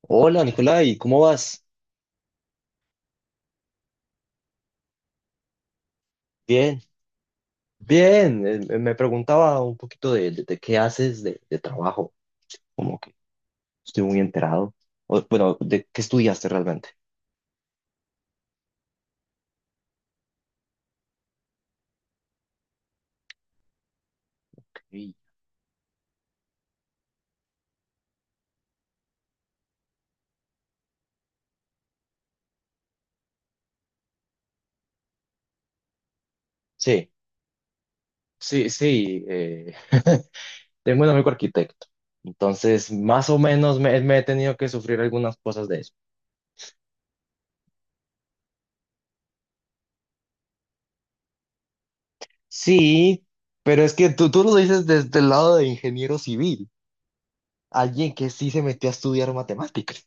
Hola, Nicolai, ¿cómo vas? Bien, bien. Me preguntaba un poquito de qué haces de trabajo, como que estoy muy enterado. O, bueno, ¿de qué estudiaste realmente? Sí, sí, sí. Sí, tengo un amigo arquitecto, entonces más o menos me he tenido que sufrir algunas cosas de eso. Sí, pero es que tú lo dices desde el lado de ingeniero civil, alguien que sí se metió a estudiar matemáticas.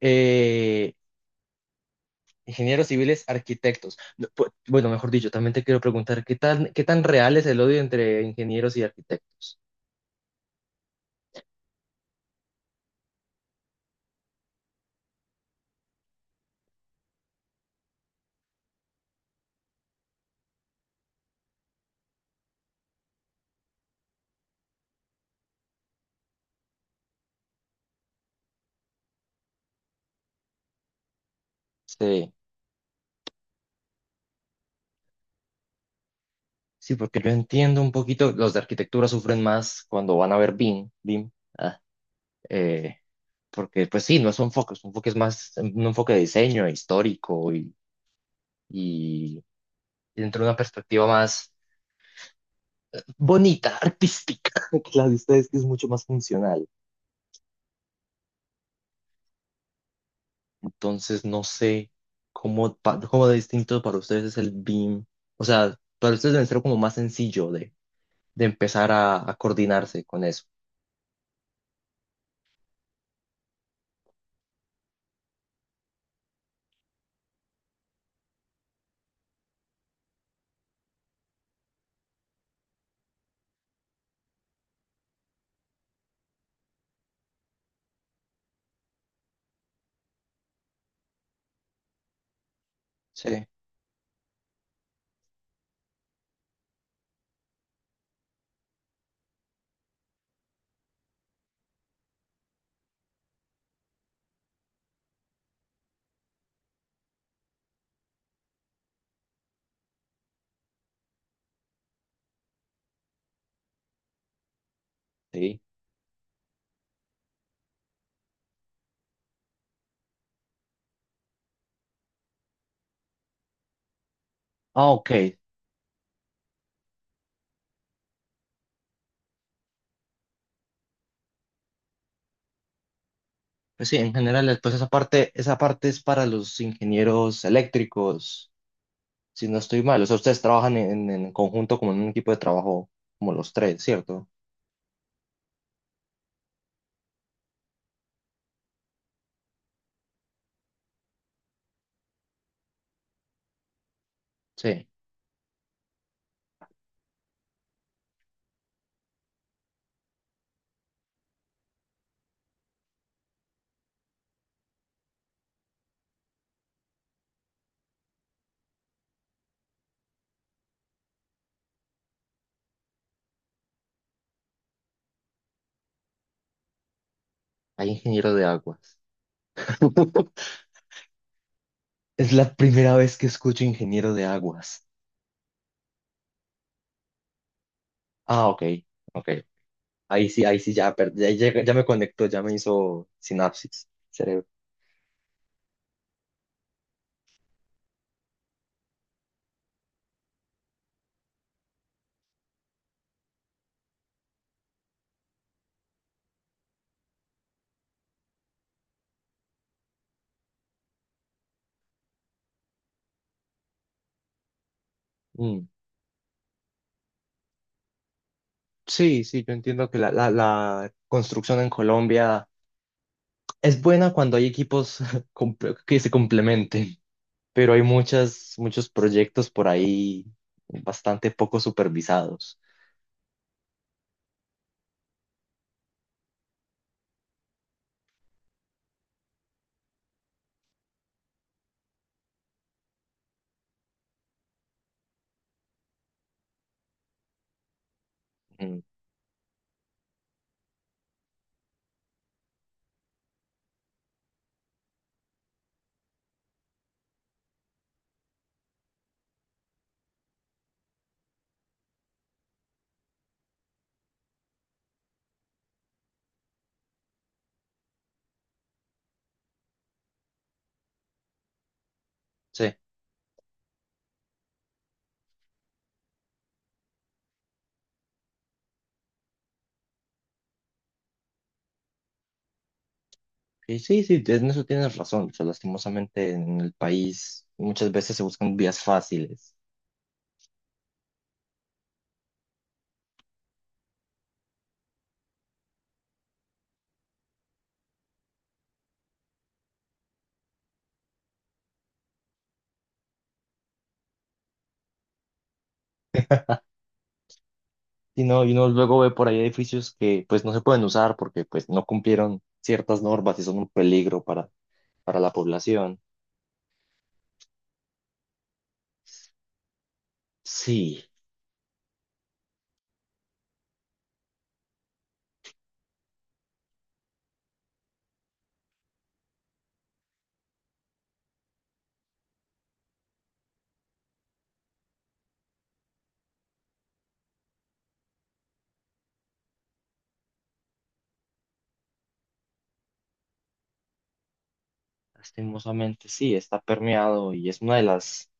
Ingenieros civiles, arquitectos. No, bueno, mejor dicho, también te quiero preguntar, ¿qué tan real es el odio entre ingenieros y arquitectos? Sí, sí, porque yo entiendo un poquito, los de arquitectura sufren más cuando van a ver BIM, BIM, ah, eh, porque pues sí, no es un enfoque, es un enfoque es más, un enfoque de diseño, histórico y dentro de una perspectiva más bonita, artística, que la de ustedes, que es mucho más funcional. Entonces, no sé cómo, cómo de distinto para ustedes es el BIM. O sea, para ustedes debe ser como más sencillo de empezar a coordinarse con eso. Sí. Sí. Ah, ok. Pues sí, en general, pues esa parte es para los ingenieros eléctricos, si no estoy mal. O sea, ustedes trabajan en conjunto como en un equipo de trabajo, como los tres, ¿cierto? Sí. Hay ingeniero de aguas. Es la primera vez que escucho ingeniero de aguas. Ah, ok. Ok. Ahí sí, ya, ya me conectó, ya me hizo sinapsis, cerebro. Mm, sí, sí, yo entiendo que la construcción en Colombia es buena cuando hay equipos que se complementen, pero hay muchas, muchos proyectos por ahí bastante poco supervisados. Mm, sí, y sí, sí, en eso tienes razón. O sea, lastimosamente en el país muchas veces se buscan vías fáciles. Y no, y uno luego ve por ahí edificios que pues no se pueden usar porque pues no cumplieron ciertas normas y son un peligro para la población. Sí, lastimosamente sí, está permeado y es una de las,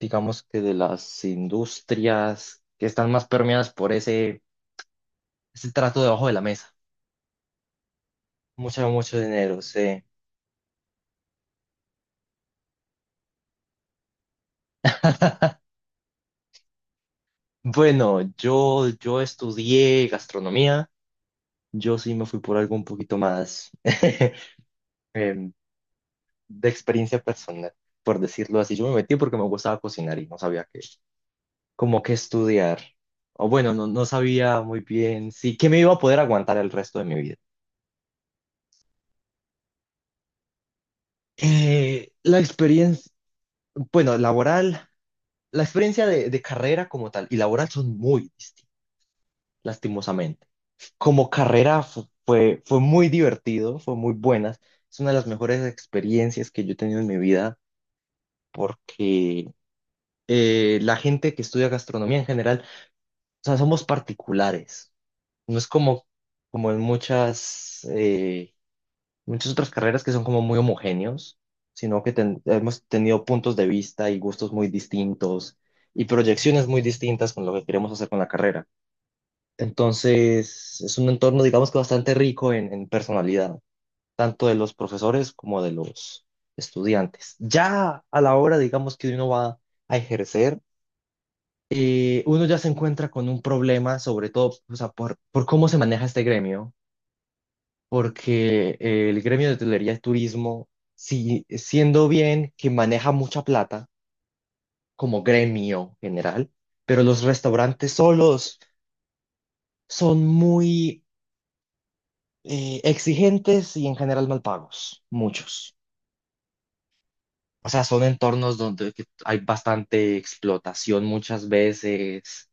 digamos que de las industrias que están más permeadas por ese, ese trato debajo de la mesa. Mucho, mucho dinero, sí. Bueno, yo estudié gastronomía, yo sí me fui por algo un poquito más. em, de experiencia personal, por decirlo así. Yo me metí porque me gustaba cocinar y no sabía qué, como que estudiar. O bueno, no, no sabía muy bien si que me iba a poder aguantar el resto de mi vida. La experiencia, bueno, laboral, la experiencia de carrera como tal y laboral son muy distintas, lastimosamente. Como carrera fue muy divertido, fue muy buena. Es una de las mejores experiencias que yo he tenido en mi vida porque la gente que estudia gastronomía en general. O sea, somos particulares. No es como en muchas otras carreras que son como muy homogéneos, sino que hemos tenido puntos de vista y gustos muy distintos y proyecciones muy distintas con lo que queremos hacer con la carrera. Entonces, es un entorno, digamos que bastante rico en personalidad, tanto de los profesores como de los estudiantes. Ya a la hora, digamos, que uno va a ejercer, uno ya se encuentra con un problema, sobre todo, o sea, por cómo se maneja este gremio, porque el gremio de hotelería y turismo, si, siendo bien que maneja mucha plata como gremio general, pero los restaurantes solos son muy exigentes y en general mal pagos, muchos. O sea, son entornos donde que hay bastante explotación muchas veces,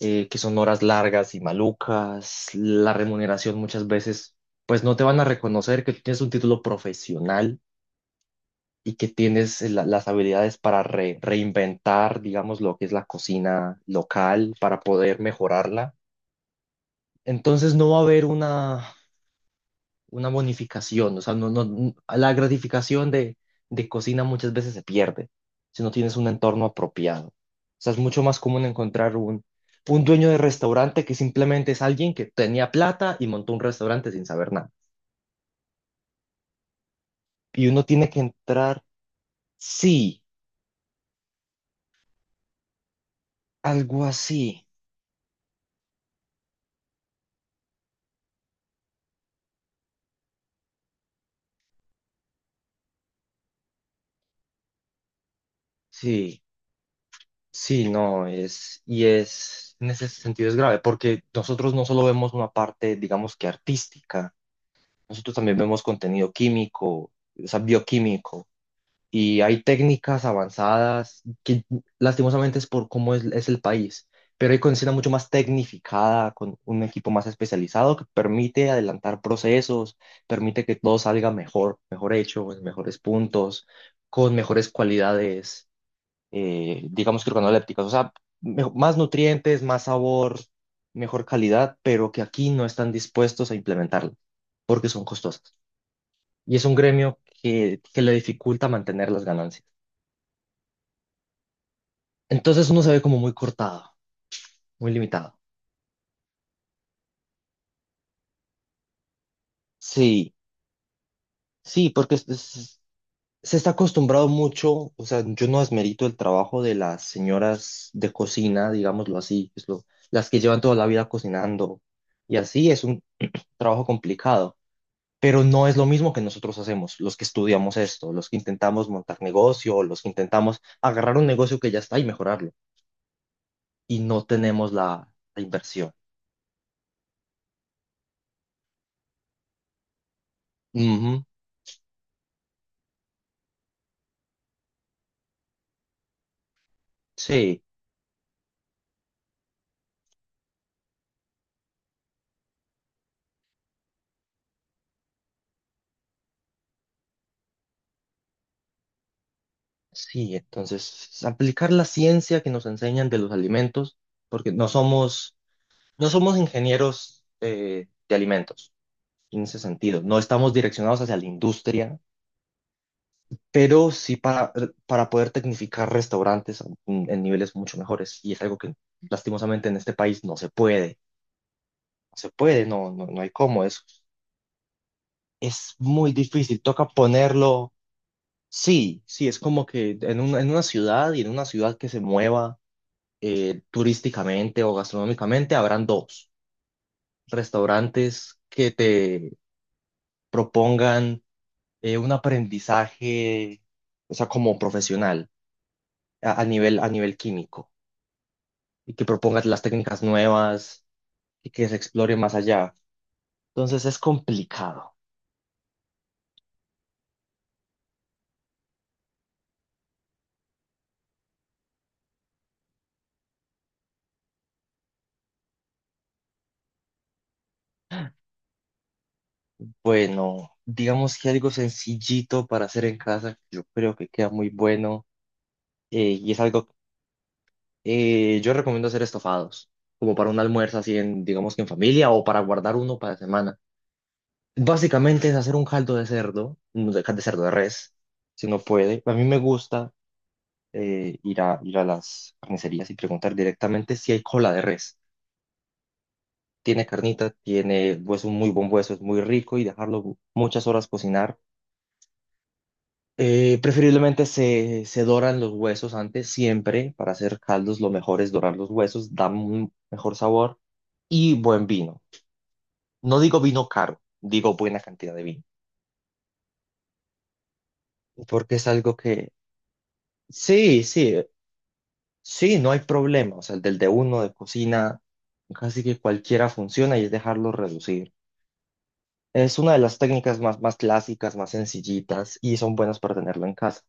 que son horas largas y malucas, la remuneración muchas veces, pues no te van a reconocer que tienes un título profesional y que tienes las habilidades para reinventar, digamos, lo que es la cocina local, para poder mejorarla. Entonces no va a haber una bonificación, o sea, no, no, la gratificación de cocina muchas veces se pierde si no tienes un entorno apropiado. O sea, es mucho más común encontrar un dueño de restaurante que simplemente es alguien que tenía plata y montó un restaurante sin saber nada. Y uno tiene que entrar, sí, algo así, sí. Sí, no, es, y es, en ese sentido es grave, porque nosotros no solo vemos una parte, digamos que artística, nosotros también vemos contenido químico, o sea, bioquímico, y hay técnicas avanzadas que lastimosamente es por cómo es el país, pero hay cocina mucho más tecnificada, con un equipo más especializado que permite adelantar procesos, permite que todo salga mejor, mejor hecho, en mejores puntos, con mejores cualidades, digamos que organolépticas, o sea, más nutrientes, más sabor, mejor calidad, pero que aquí no están dispuestos a implementarlo porque son costosas. Y es un gremio que le dificulta mantener las ganancias. Entonces uno se ve como muy cortado, muy limitado. Sí, sí, porque se está acostumbrado mucho, o sea, yo no desmerito el trabajo de las señoras de cocina, digámoslo así, es las que llevan toda la vida cocinando y así es un trabajo complicado, pero no es lo mismo que nosotros hacemos, los que estudiamos esto, los que intentamos montar negocio, los que intentamos agarrar un negocio que ya está y mejorarlo y no tenemos la inversión. Ujú, sí. Sí, entonces aplicar la ciencia que nos enseñan de los alimentos, porque no somos ingenieros de alimentos en ese sentido, no estamos direccionados hacia la industria, pero sí para poder tecnificar restaurantes en niveles mucho mejores, y es algo que lastimosamente en este país no se puede, no se puede, no, no, no hay cómo, es muy difícil, toca ponerlo, sí, sí, es como que en en una ciudad y en una ciudad que se mueva turísticamente o gastronómicamente, habrán dos restaurantes que te propongan un aprendizaje, o sea, como profesional a nivel químico y que propongas las técnicas nuevas y que se explore más allá. Entonces es complicado. Bueno, digamos que algo sencillito para hacer en casa, yo creo que queda muy bueno y es algo Yo recomiendo hacer estofados, como para un almuerzo así digamos que en familia o para guardar uno para semana. Básicamente es hacer un caldo de cerdo, no de cerdo de res, si no puede. A mí me gusta ir a las carnicerías y preguntar directamente si hay cola de res. Tiene carnita, tiene hueso, un muy buen hueso, es muy rico y dejarlo muchas horas cocinar. Preferiblemente se doran los huesos antes, siempre, para hacer caldos lo mejor es dorar los huesos, da un mejor sabor y buen vino. No digo vino caro, digo buena cantidad de vino, porque es algo que, sí, sí, sí, no hay problema, o sea, el del de uno de cocina, casi que cualquiera funciona y es dejarlo reducir. Es una de las técnicas más clásicas, más sencillitas y son buenas para tenerlo en casa.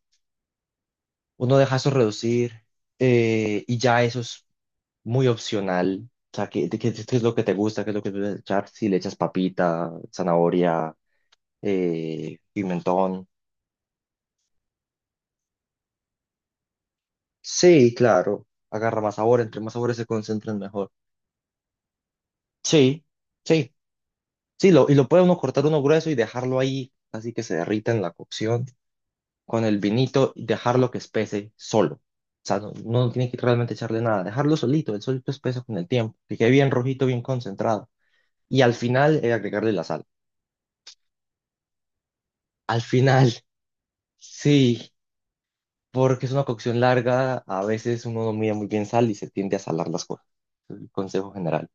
Uno deja eso reducir y ya eso es muy opcional. O sea, qué es lo que te gusta? ¿Qué es lo que te gusta echar? Si le echas papita, zanahoria, pimentón. Sí, claro. Agarra más sabor, entre más sabores se concentran mejor. Sí, sí. Sí, lo, y lo puede uno cortar uno grueso y dejarlo ahí, así que se derrita en la cocción, con el vinito y dejarlo que espese solo. O sea, no, no tiene que realmente echarle nada, dejarlo solito, el solito espesa con el tiempo, que quede bien rojito, bien concentrado. Y al final, agregarle la sal. Al final, sí, porque es una cocción larga, a veces uno no mide muy bien sal y se tiende a salar las cosas. Es el consejo general,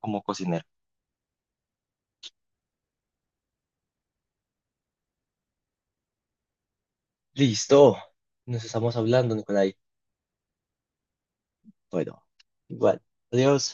como cocinero. Listo, nos estamos hablando, Nicolai. Bueno, igual, adiós.